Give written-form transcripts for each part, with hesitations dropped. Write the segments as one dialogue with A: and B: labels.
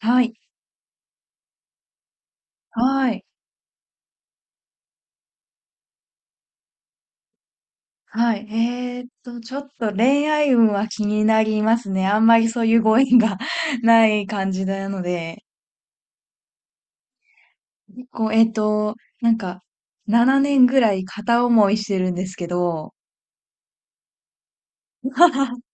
A: はい。はい。はい。ちょっと恋愛運は気になりますね。あんまりそういうご縁が ない感じなので。結構、なんか、7年ぐらい片思いしてるんですけど、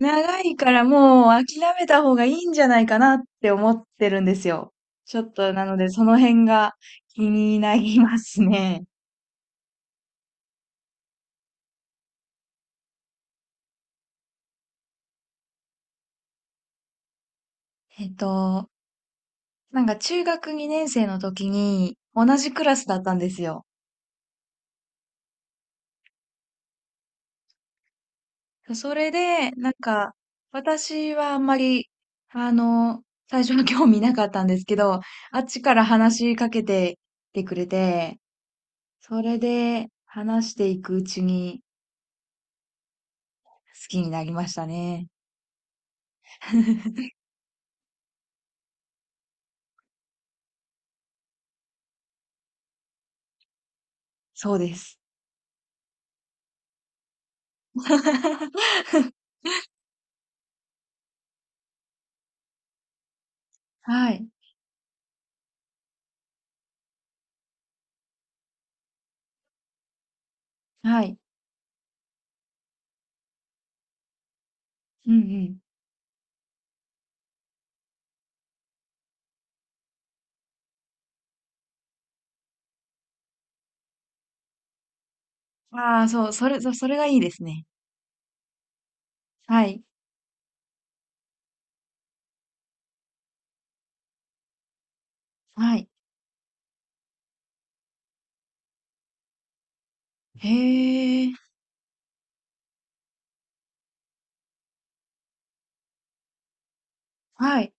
A: 長いからもう諦めた方がいいんじゃないかなって思ってるんですよ。ちょっとなのでその辺が気になりますね。えっと、なんか中学2年生の時に同じクラスだったんですよ。それで、なんか、私はあんまり、あの、最初は興味なかったんですけど、あっちから話しかけてきてくれて、それで話していくうちに好きになりましたね。そうです。はい。はい。うんうん。ああ、そう、それがいいですね。はい。はい。へえ。はい。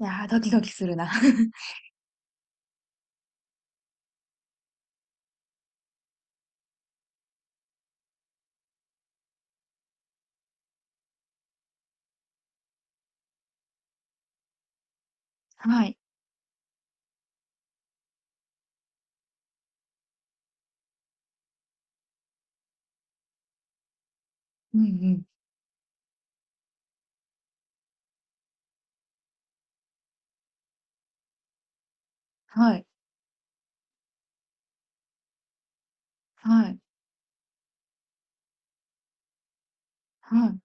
A: いやー、ドキドキするな。はい。うんうん。はい。はい。はい。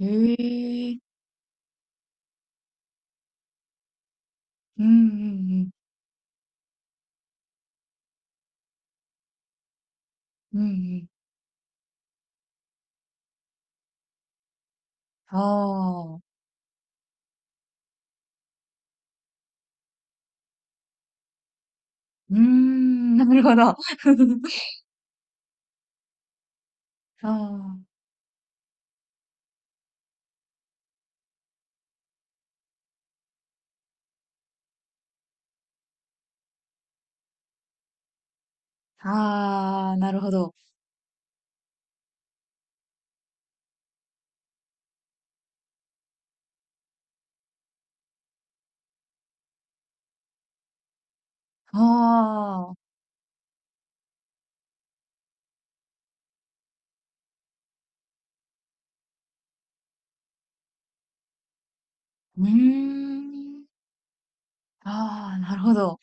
A: へえ、うんうんうん、うんうん。ああ、うーん、なるほど。ああ、ああ、なるほど。ああ、うーん。ああ、なるほど。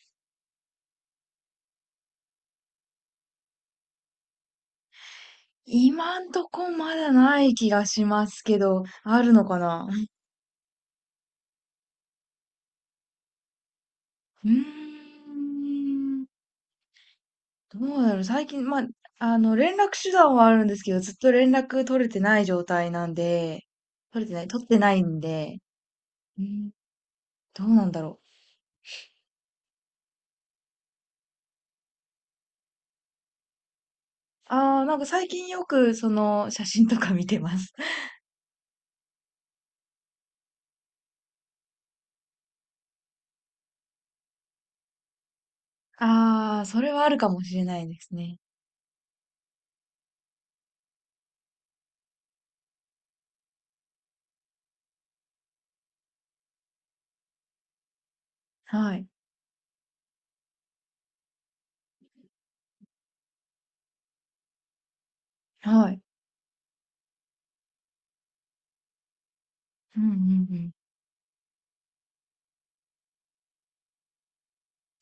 A: 今んとこまだない気がしますけど、あるのかな？うーん。どうだろう。最近、まあ、連絡手段はあるんですけど、ずっと連絡取れてない状態なんで、取れてない、取ってないんで、うん、どうなんだろう。ああ、なんか最近よくその写真とか見てます。ああ、それはあるかもしれないですね。はい。はい。うんうん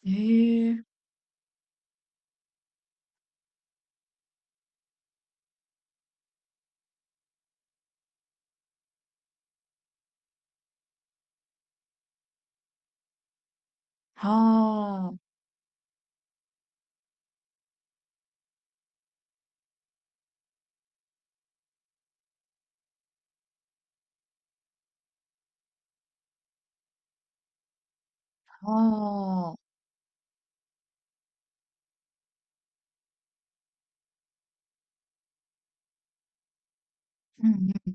A: うん。ええ。はあ。はあ。うんうん。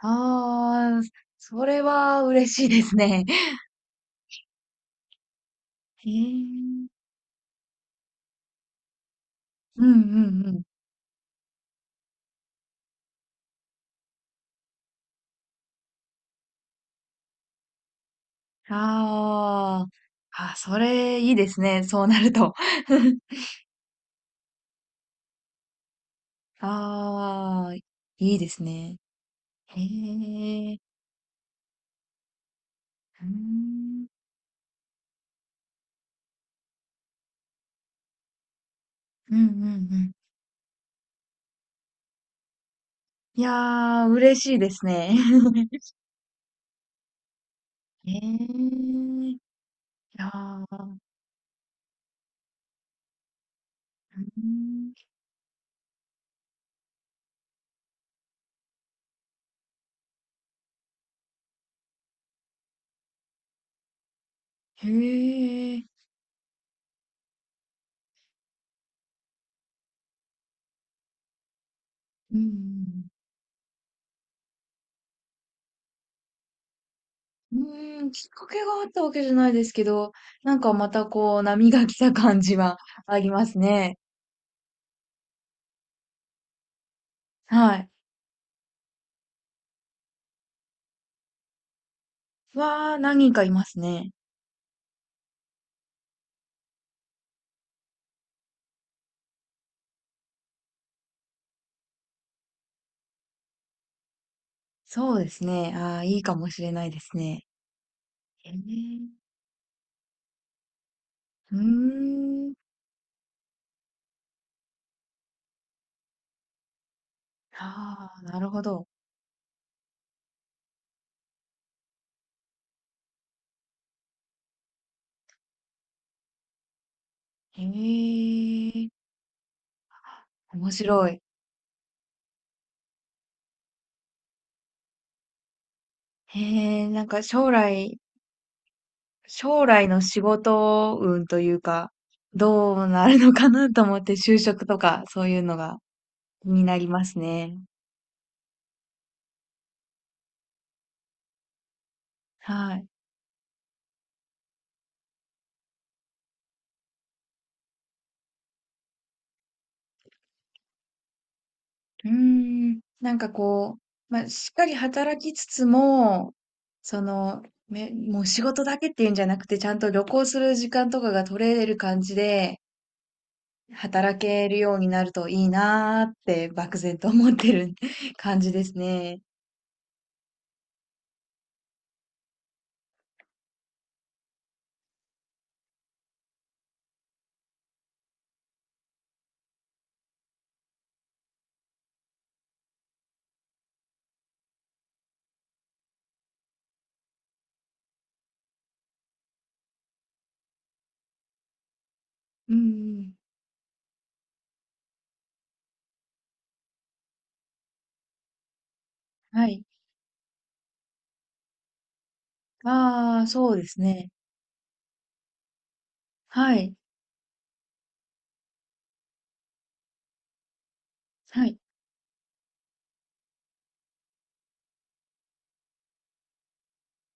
A: ああ、それは嬉しいですね。へえ。うんうんうん。ああ。あ、それいいですね。そうなると。ああ、いいですね。へえ。うーん。うんうんうん。いやー、嬉しいですね。ええ、いやー、うーん、へえ、うん、うん、うーん、きっかけがあったわけじゃないですけど、なんかまたこう、波が来た感じは ありますね。はい。何人かいますね。そうですね。ああ、いいかもしれないですね。へえ、うーん、ああ、なるほど。へえ、面白い。へえ、なんか将来の仕事運というか、どうなるのかなと思って就職とかそういうのが気になりますね。はい。うーん。なんかこう、まあ、しっかり働きつつも、その、もう仕事だけっていうんじゃなくて、ちゃんと旅行する時間とかが取れる感じで、働けるようになるといいなーって漠然と思ってる 感じですね。うんうん。はい。ああ、そうですね。はい。はい。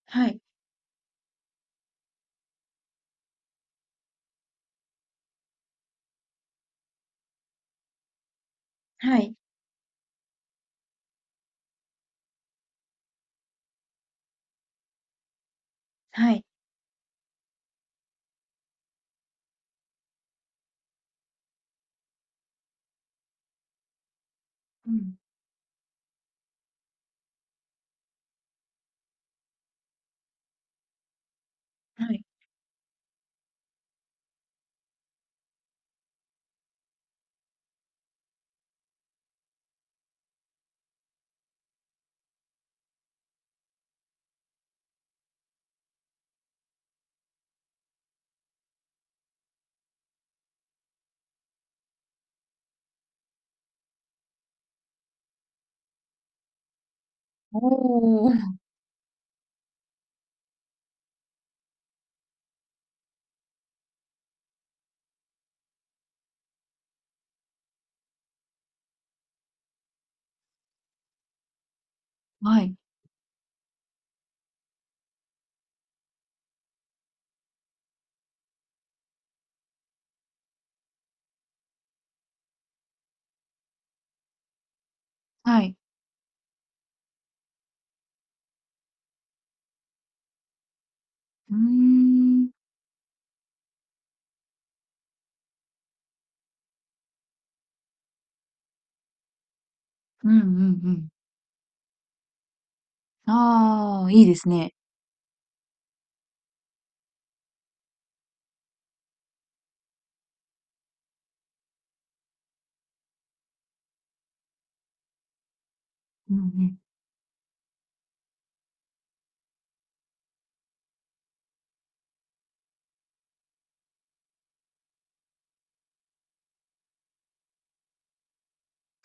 A: はい、はい、はい。うん。はい。おー はい、はい。うーん。うんうんうん。ああ、いいですね。うんうん。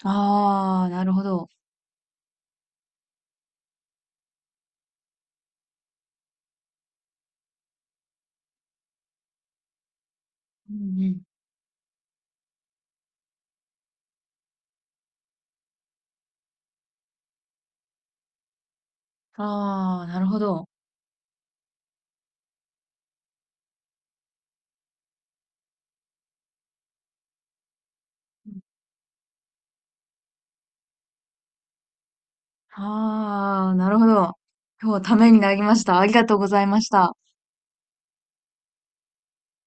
A: ああ、なるほど。うんうん。ああ、なるほど。ああ、なるほど。今日はためになりました。ありがとうございました。